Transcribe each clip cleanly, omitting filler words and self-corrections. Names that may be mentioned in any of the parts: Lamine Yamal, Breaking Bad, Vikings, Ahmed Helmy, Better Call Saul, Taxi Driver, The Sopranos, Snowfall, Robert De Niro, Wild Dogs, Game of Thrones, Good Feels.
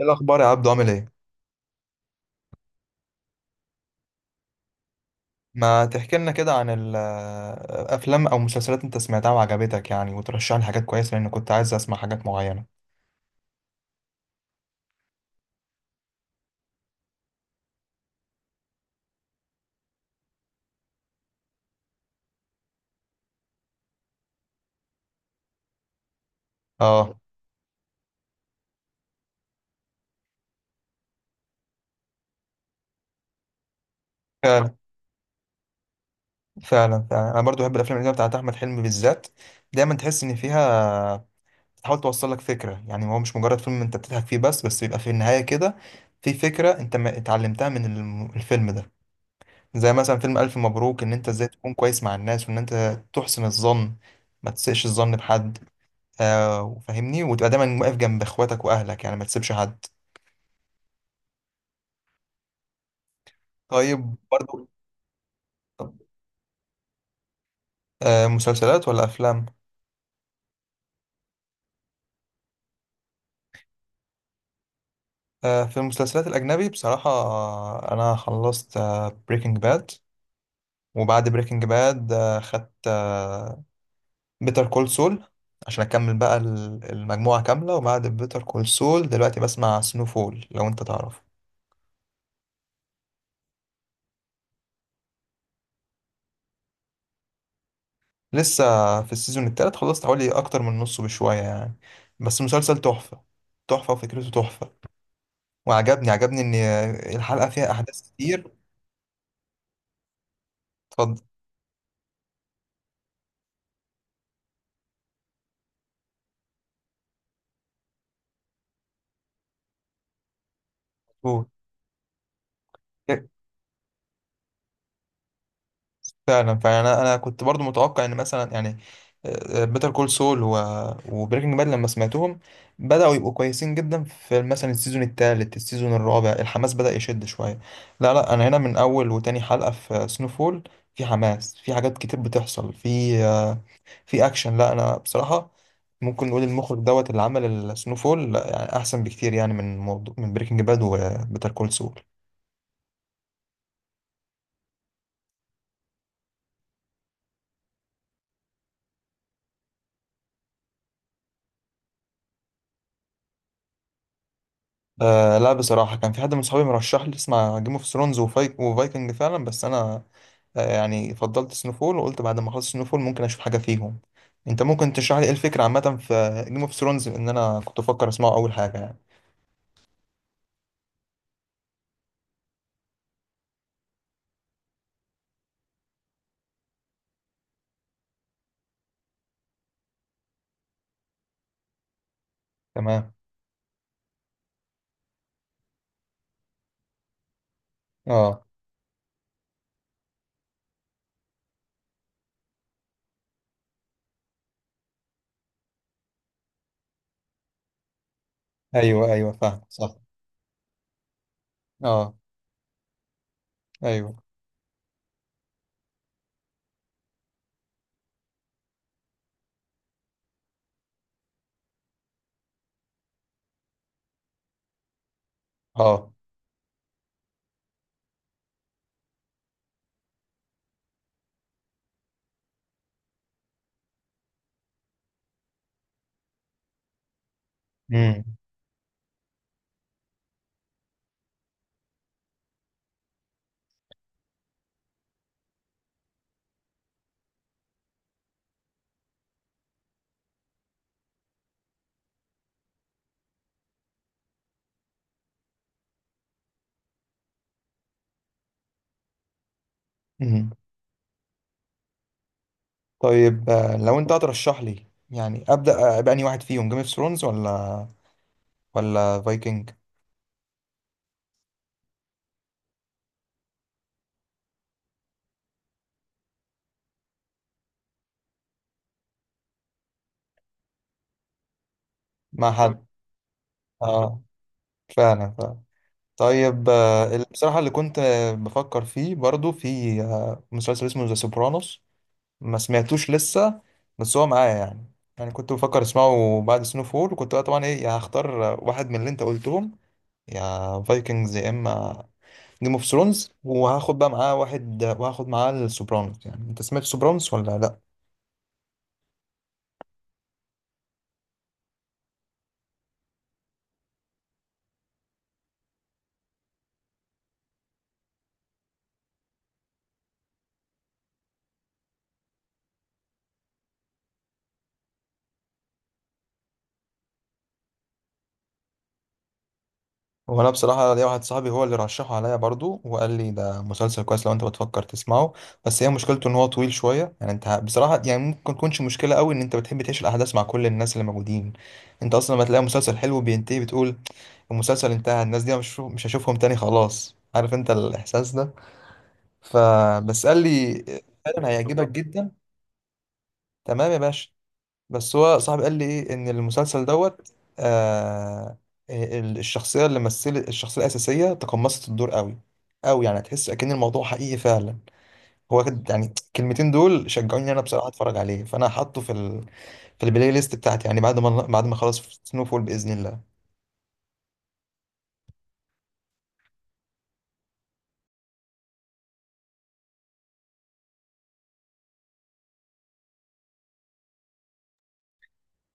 ايه الاخبار يا عبدو؟ عامل ايه؟ ما تحكي لنا كده عن الافلام او مسلسلات انت سمعتها وعجبتك يعني، وترشح لي حاجات كويسه، لان كنت عايز اسمع حاجات معينه. اه، فعلا. فعلا انا برضو بحب الافلام اللي بتاعت احمد حلمي بالذات. دايما تحس ان فيها، بتحاول توصل لك فكره، يعني هو مش مجرد فيلم انت بتضحك فيه بس بيبقى في النهايه كده في فكره انت ما اتعلمتها من الفيلم ده. زي مثلا فيلم الف مبروك، ان انت ازاي تكون كويس مع الناس، وان انت تحسن الظن، ما تسيئش الظن بحد. آه، فاهمني؟ وتبقى دايما واقف جنب اخواتك واهلك، يعني ما تسيبش حد. طيب برضو، آه مسلسلات ولا افلام؟ آه، في المسلسلات الاجنبي بصراحة، انا خلصت بريكنج باد، وبعد بريكنج باد خدت بيتر كول سول عشان اكمل بقى المجموعة كاملة. وبعد بيتر كول سول دلوقتي بسمع سنو فول، لو انت تعرف. لسه في السيزون التالت، خلصت حوالي اكتر من نصه بشوية يعني. بس مسلسل تحفة، تحفة، وفكرته تحفة. وعجبني ان الحلقه فيها احداث كتير. اتفضل، قول. إيه، فعلا، فعلا. انا كنت برضو متوقع ان مثلا يعني بيتر كول سول وبريكنج باد لما سمعتهم، بداوا يبقوا كويسين جدا في مثلا السيزون الثالث، السيزون الرابع، الحماس بدا يشد شويه. لا لا، انا هنا من اول وتاني حلقه في سنوفول في حماس، في حاجات كتير بتحصل، في اكشن. لا، انا بصراحه ممكن نقول المخرج دوت اللي عمل السنو فول، لا، يعني احسن بكتير يعني من موضوع من بريكنج باد وبيتر كول سول. آه لا، بصراحه كان في حد من صحابي مرشح لي اسمع جيم اوف ثرونز وفايكنج فعلا، بس انا يعني فضلت سنو فول، وقلت بعد ما اخلص سنو فول ممكن اشوف حاجه فيهم. انت ممكن تشرح لي ايه الفكره عامه في جيم اوف ثرونز، ان انا كنت بفكر اسمعه اول حاجه يعني؟ تمام. اه. ايوه ايوه، فاهم صح. اه. ايوه. اه. امم. طيب، لو انت هترشح لي يعني، ابدا باني واحد فيهم، جيم اوف ثرونز ولا ولا فايكنج؟ مع فايك حد. اه، فعلا فعلا. طيب بصراحه اللي كنت بفكر فيه برضو في مسلسل اسمه ذا سوبرانوس. ما سمعتوش لسه، بس هو معايا يعني. يعني كنت بفكر اسمعه بعد سنو فول، وكنت بقى طبعا ايه، يا هختار واحد من اللي انت قلتهم، يا فايكنجز يا اما جيم اوف ثرونز، وهاخد بقى معاه واحد، وهاخد معاه السوبرانوس. يعني انت سمعت سوبرانوس ولا لا؟ وانا بصراحه ليا واحد صاحبي هو اللي رشحه عليا برضو، وقال لي ده مسلسل كويس لو انت بتفكر تسمعه، بس هي مشكلته ان هو طويل شويه يعني. انت بصراحه يعني ممكن تكونش مشكله قوي، ان انت بتحب تعيش الاحداث مع كل الناس اللي موجودين. انت اصلا لما تلاقي مسلسل حلو بينتهي بتقول المسلسل انتهى، الناس دي مش هشوفهم تاني، خلاص. عارف انت الاحساس ده؟ فبس قال لي، فعلا هيعجبك بالظبط جدا. تمام يا باشا. بس هو صاحبي قال لي ايه، ان المسلسل دوت آه، الشخصيه اللي مثلت الشخصيه الاساسيه تقمصت الدور قوي قوي، يعني تحس اكن الموضوع حقيقي فعلا. يعني الكلمتين دول شجعوني انا بصراحه اتفرج عليه، فانا حاطه في ال... في البلاي ليست بتاعتي يعني، بعد ما بعد ما اخلص سنو فول باذن الله.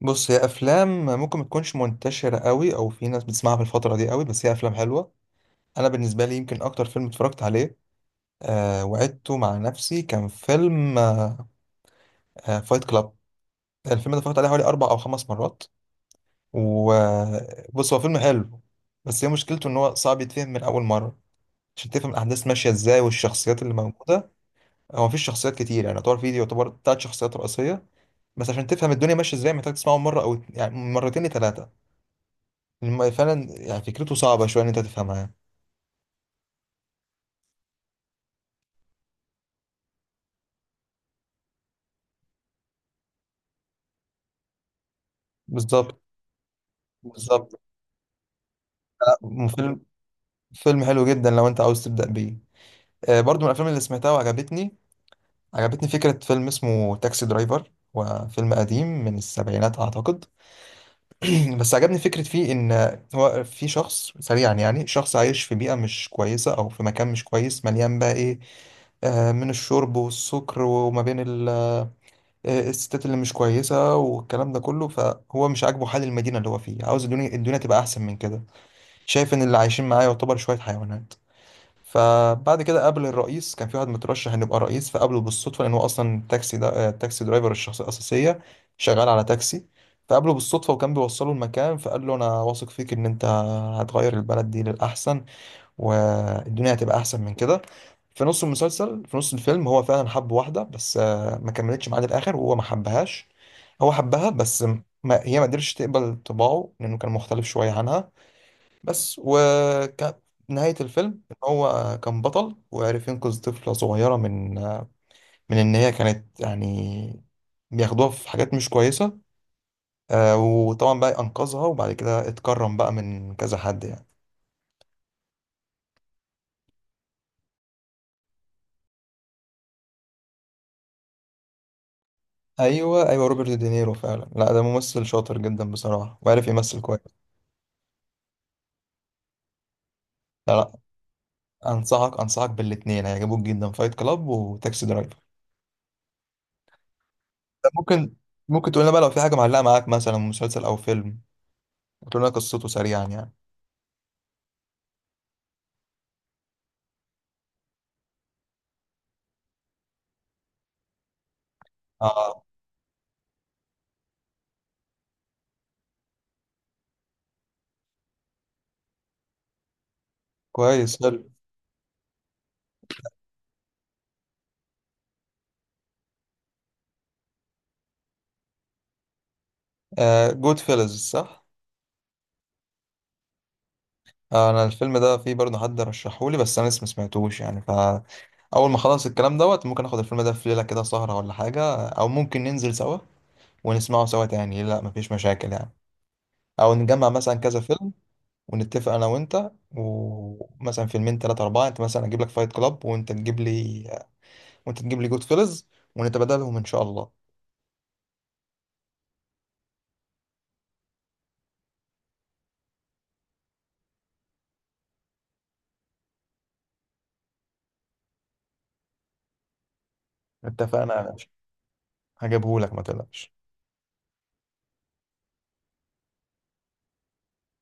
بص، هي افلام ممكن ما تكونش منتشره قوي، او في ناس بتسمعها في الفتره دي قوي، بس هي افلام حلوه. انا بالنسبه لي يمكن اكتر فيلم اتفرجت عليه وعدته مع نفسي كان فيلم فايت كلاب. الفيلم ده اتفرجت عليه حوالي 4 أو 5 مرات. وبص هو فيلم حلو، بس هي مشكلته إن هو صعب يتفهم من أول مرة، عشان تفهم الأحداث ماشية إزاي والشخصيات اللي موجودة. هو مفيش شخصيات كتير يعني، يعتبر فيه يعتبر تلات شخصيات رئيسية، بس عشان تفهم الدنيا ماشية إزاي محتاج تسمعه مرة أو يعني مرتين لتلاتة. فعلا يعني فكرته صعبة شوية إن أنت تفهمها. بالظبط، بالظبط. لا، فيلم، فيلم حلو جدا لو أنت عاوز تبدأ بيه. برضو من الأفلام اللي سمعتها وعجبتني، عجبتني فكرة فيلم اسمه تاكسي درايفر. هو فيلم قديم من السبعينات أعتقد. بس عجبني فكرة فيه، إن هو في شخص سريعا، يعني شخص عايش في بيئة مش كويسة أو في مكان مش كويس، مليان بقى إيه، من الشرب والسكر، وما بين الستات اللي مش كويسة والكلام ده كله، فهو مش عاجبه حال المدينة اللي هو فيه. عاوز الدنيا الدنيا تبقى أحسن من كده، شايف إن اللي عايشين معاه يعتبر شوية حيوانات. فبعد كده قابل الرئيس، كان في واحد مترشح ان يبقى رئيس، فقابله بالصدفه، لان هو اصلا التاكسي ده التاكسي درايفر الشخصيه الاساسيه شغال على تاكسي. فقابله بالصدفه وكان بيوصله المكان، فقال له انا واثق فيك ان انت هتغير البلد دي للاحسن، والدنيا هتبقى احسن من كده. في نص المسلسل، في نص الفيلم، هو فعلا حب واحده، بس ما كملتش معاه للاخر، وهو ما حبهاش. هو حبها بس ما هي ما قدرتش تقبل طباعه، لانه كان مختلف شويه عنها. بس وكانت نهاية الفيلم إن هو كان بطل، وعرف ينقذ طفلة صغيرة من، من إن هي كانت يعني بياخدوها في حاجات مش كويسة. وطبعا بقى أنقذها، وبعد كده اتكرم بقى من كذا حد يعني. أيوه أيوه، روبرت دينيرو فعلا. لا، ده ممثل شاطر جدا بصراحة، وعارف يمثل كويس. لا لا، أنصحك بالاتنين، هيعجبوك جدا، فايت كلاب وتاكسي درايفر. ده ممكن، ممكن تقول لنا بقى لو في حاجة معلقة معاك مثلا، مسلسل أو فيلم، وتقول لنا قصته سريعا يعني. اه. كويس، حلو. جود فيلز صح؟ آه، انا الفيلم ده فيه برضه حد رشحهولي، بس انا لسه ما سمعتوش يعني. فاول ما اخلص الكلام دوت ممكن اخد الفيلم ده في ليله كده سهره ولا حاجه، او ممكن ننزل سوا ونسمعه سوا. تاني لا، مفيش مشاكل يعني. او نجمع مثلا كذا فيلم، ونتفق انا وانت، ومثلا فيلمين تلاتة أربعة، أنت مثلا أجيب لك فايت كلاب، وأنت تجيب لي جود فيلز، ونتبادلهم إن شاء الله. اتفقنا يا باشا، هجيبهولك ما تقلقش.